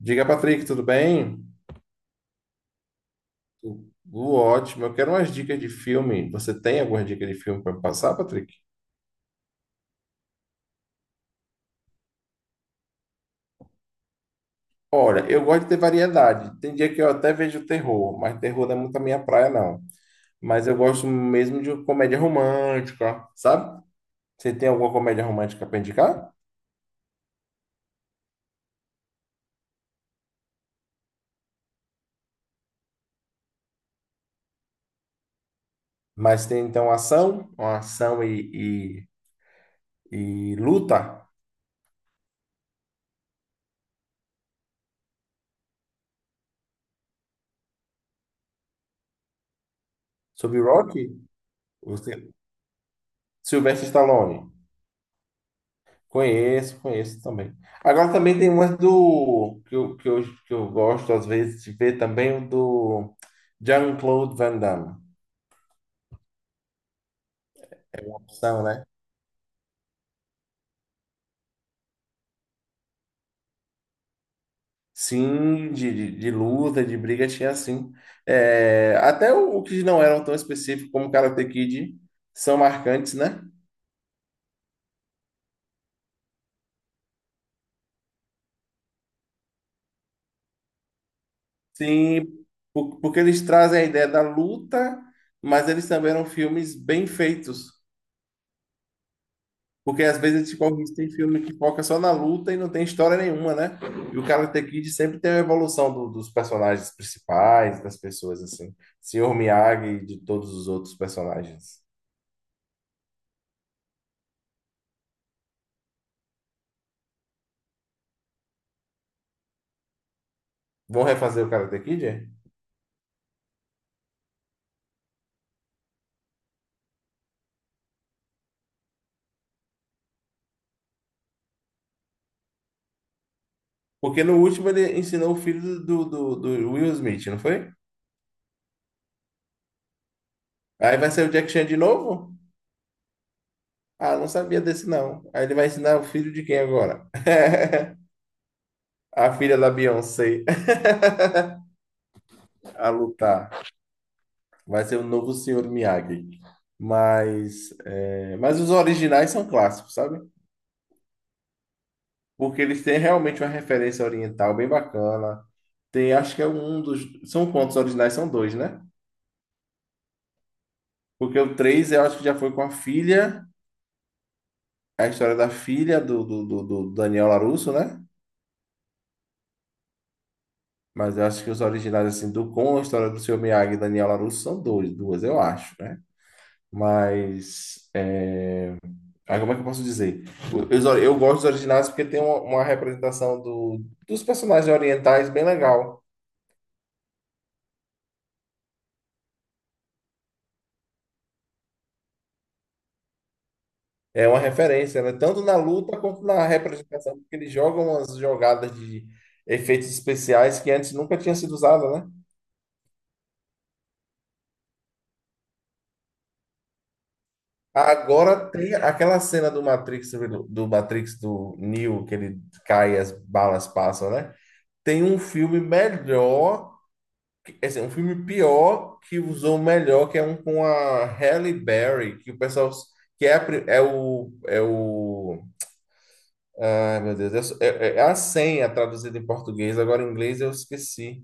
Diga, Patrick, tudo bem? Tudo ótimo. Eu quero umas dicas de filme. Você tem algumas dicas de filme para passar, Patrick? Olha, eu gosto de ter variedade. Tem dia que eu até vejo terror, mas terror não é muito a minha praia, não. Mas eu gosto mesmo de comédia romântica, sabe? Você tem alguma comédia romântica para indicar? Mas tem então ação, uma ação e luta sobre Rock? Você... Sylvester Stallone. Conheço, conheço também. Agora também tem umas do que eu gosto às vezes de ver também o do Jean-Claude Van Damme. Opção, né? Sim, de luta, de briga tinha sim. É, até o que não eram tão específicos como Karate Kid são marcantes, né? Sim, porque eles trazem a ideia da luta, mas eles também eram filmes bem feitos. Porque às vezes tipo, tem filme que foca só na luta e não tem história nenhuma, né? E o Karate Kid sempre tem a evolução dos personagens principais, das pessoas, assim. Senhor Miyagi e de todos os outros personagens. Vão refazer o Karate Kid? É? Porque no último ele ensinou o filho do Will Smith, não foi? Aí vai ser o Jack Chan de novo? Ah, não sabia desse não. Aí ele vai ensinar o filho de quem agora? A filha da Beyoncé a lutar. Vai ser o novo Senhor Miyagi. Mas, é, mas os originais são clássicos, sabe? Porque eles têm realmente uma referência oriental bem bacana. Tem, acho que é um dos. São quantos originais? São dois, né? Porque o três eu acho que já foi com a filha, a história da filha do Daniel LaRusso, né? Mas eu acho que os originais, assim, do com a história do Senhor Miyagi e Daniel LaRusso são dois, duas, eu acho, né? Mas. Ah, como é que eu posso dizer? Eu gosto dos originais porque tem uma representação dos personagens orientais bem legal. É uma referência, né? Tanto na luta quanto na representação, porque eles jogam umas jogadas de efeitos especiais que antes nunca tinha sido usada, né? Agora tem aquela cena do Matrix, do Matrix do Neo, que ele cai e as balas passam, né? Tem um filme melhor é assim, um filme pior que usou o melhor, que é um com a Halle Berry, que o pessoal. Que é, é o. É o. Ai, meu Deus. É a senha traduzida em português, agora em inglês eu esqueci.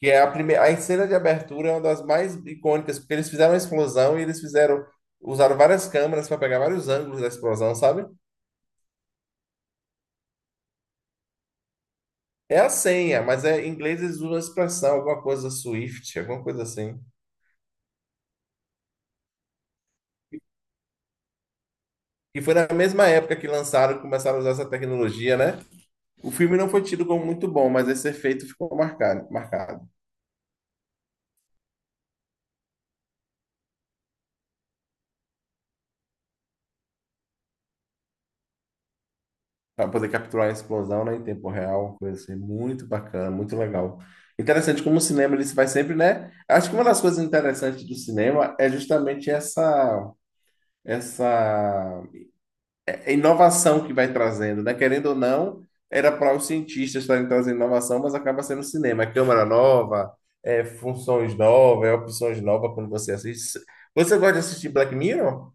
Que é a primeira. A cena de abertura é uma das mais icônicas, porque eles fizeram a explosão e eles fizeram. Usaram várias câmeras para pegar vários ângulos da explosão, sabe? É a senha, mas é, em inglês eles usam a expressão, alguma coisa Swift, alguma coisa assim. E foi na mesma época que lançaram, começaram a usar essa tecnologia, né? O filme não foi tido como muito bom, mas esse efeito ficou marcado, marcado. Para poder capturar a explosão, né, em tempo real, foi assim, muito bacana, muito legal. Interessante como o cinema ele se vai sempre, né? Acho que uma das coisas interessantes do cinema é justamente essa inovação que vai trazendo, né? Querendo ou não, era para os cientistas estarem trazendo inovação, mas acaba sendo o cinema. É câmera nova, é, funções novas, é, opções novas quando você assiste. Você gosta de assistir Black Mirror?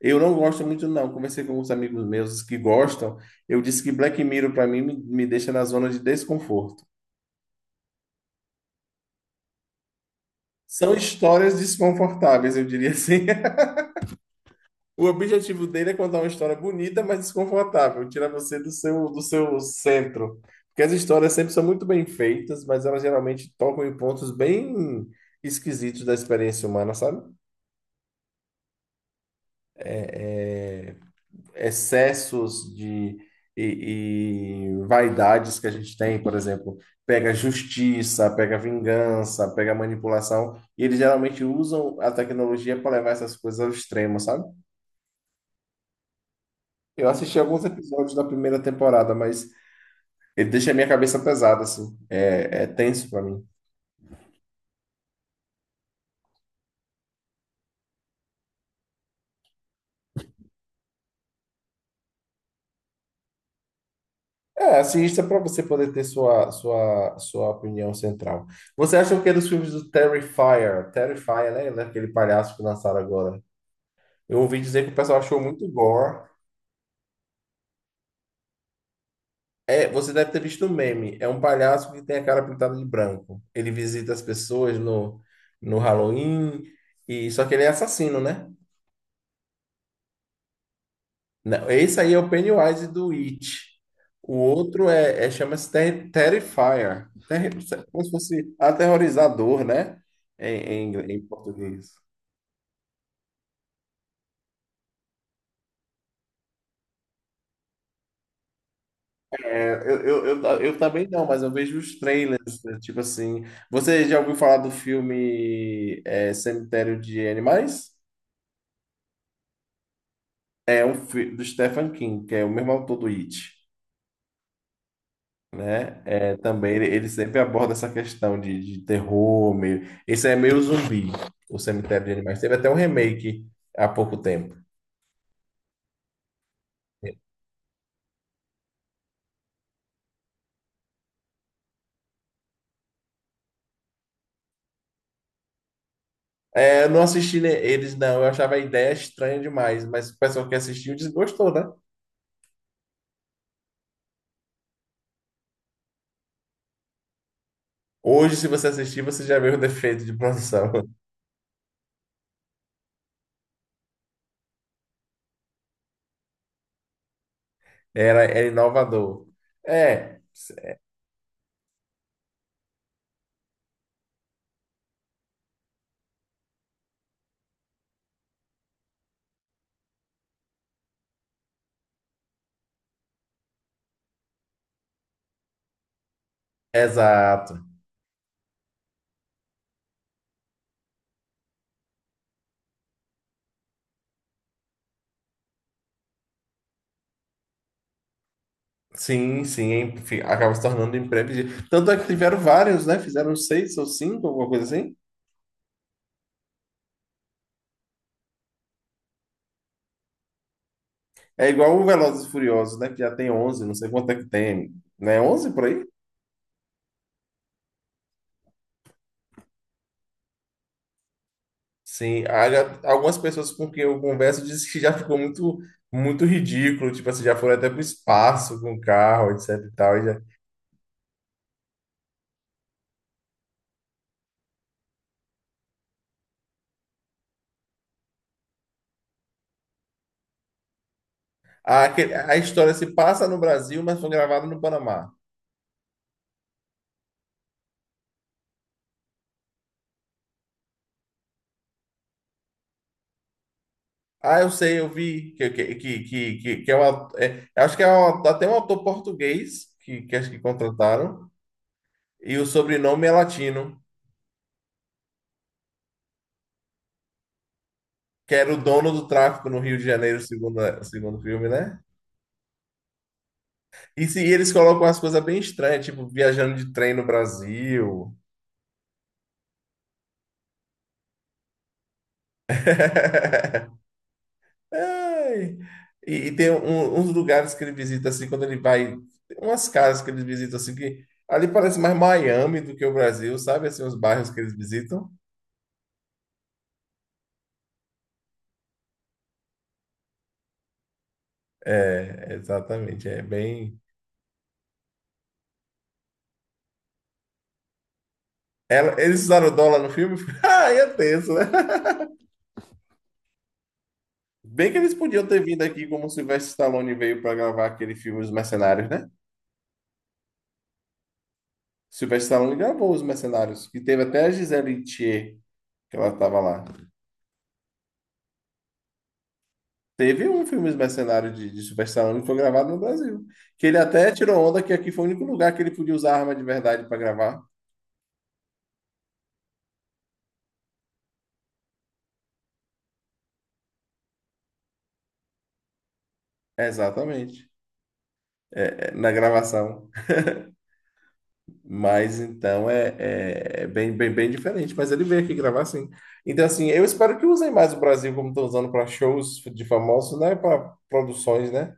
Eu não gosto muito, não. Conversei com alguns amigos meus que gostam. Eu disse que Black Mirror, para mim, me deixa na zona de desconforto. São histórias desconfortáveis, eu diria assim. O objetivo dele é contar uma história bonita, mas desconfortável, tirar você do seu centro. Porque as histórias sempre são muito bem feitas, mas elas geralmente tocam em pontos bem esquisitos da experiência humana, sabe? É, é, excessos de e vaidades que a gente tem, por exemplo, pega justiça, pega vingança, pega manipulação, e eles geralmente usam a tecnologia para levar essas coisas ao extremo, sabe? Eu assisti alguns episódios da primeira temporada, mas ele deixa a minha cabeça pesada, assim, é, tenso para mim. É, assista para você poder ter sua opinião central. Você acha o que dos filmes do Terrifier? Terrifier, né? Ele é aquele palhaço que lançaram agora. Eu ouvi dizer que o pessoal achou muito gore. É, você deve ter visto um meme. É um palhaço que tem a cara pintada de branco. Ele visita as pessoas no Halloween, e só que ele é assassino, né? Não, esse aí é o Pennywise do It. O outro é, chama-se Terrifier. Como se fosse aterrorizador, né? Em português. Eu também não, mas eu vejo os trailers, né, tipo assim. Você já ouviu falar do filme é, Cemitério de Animais? É um filme do Stephen King, que é o mesmo autor do It, né? É, também ele sempre aborda essa questão de terror, meio. Esse é meio zumbi, o Cemitério de Animais. Teve até um remake há pouco tempo. É, eu não assisti eles, não. Eu achava a ideia estranha demais, mas o pessoal que assistiu desgostou, né? Hoje, se você assistir, você já vê o defeito de produção. Era, era inovador. É, exato. Sim, sim, acaba se tornando imprevisível. Tanto é que tiveram vários, né? Fizeram seis ou cinco, alguma coisa assim. É igual o Velozes e Furiosos, né? Que já tem 11, não sei quanto é que tem. Né? 11 por aí? Sim. Há algumas pessoas com quem eu converso dizem que já ficou muito, muito ridículo. Tipo assim, já foram até pro espaço com o carro, etc e tal. A história se passa no Brasil, mas foi gravada no Panamá. Ah, eu sei, eu vi que, que é é, acho que é até um autor português que, acho que contrataram, e o sobrenome é latino, que era o dono do tráfico no Rio de Janeiro, segundo, segundo o filme, né? E, se, e eles colocam umas coisas bem estranhas, tipo viajando de trem no Brasil. Ai. E tem uns lugares que ele visita assim, quando ele vai, tem umas casas que ele visita assim, que ali parece mais Miami do que o Brasil, sabe? Assim, os bairros que eles visitam. É, exatamente. É bem. Eles usaram o dólar no filme? Ah, ia tenso, né? Bem que eles podiam ter vindo aqui como o Sylvester Stallone veio para gravar aquele filme Os Mercenários, né? Sylvester Stallone gravou Os Mercenários, que teve até a Gisele Thier, que ela estava lá. Teve um filme Os Mercenários de Sylvester Stallone que foi gravado no Brasil. Que ele até tirou onda que aqui foi o único lugar que ele podia usar arma de verdade para gravar. Exatamente. É, na gravação. Mas então é, é bem, bem, bem diferente. Mas ele veio aqui gravar sim. Então, assim, eu espero que usem mais o Brasil como estão usando para shows de famosos, né? Para produções, né?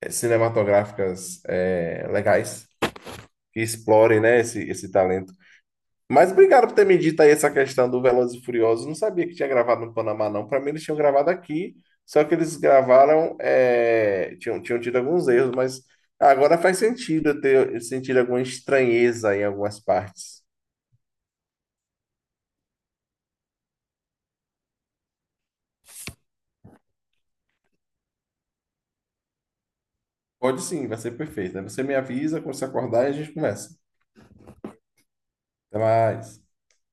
cinematográficas, legais que explorem, né? Esse talento. Mas obrigado por ter me dito aí essa questão do Velozes e Furiosos. Não sabia que tinha gravado no Panamá, não. Para mim, eles tinham gravado aqui, só que eles gravaram, tinham tido alguns erros, mas agora faz sentido eu ter sentido alguma estranheza em algumas partes. Pode sim, vai ser perfeito. Aí você me avisa quando você acordar e a gente começa. Até mais.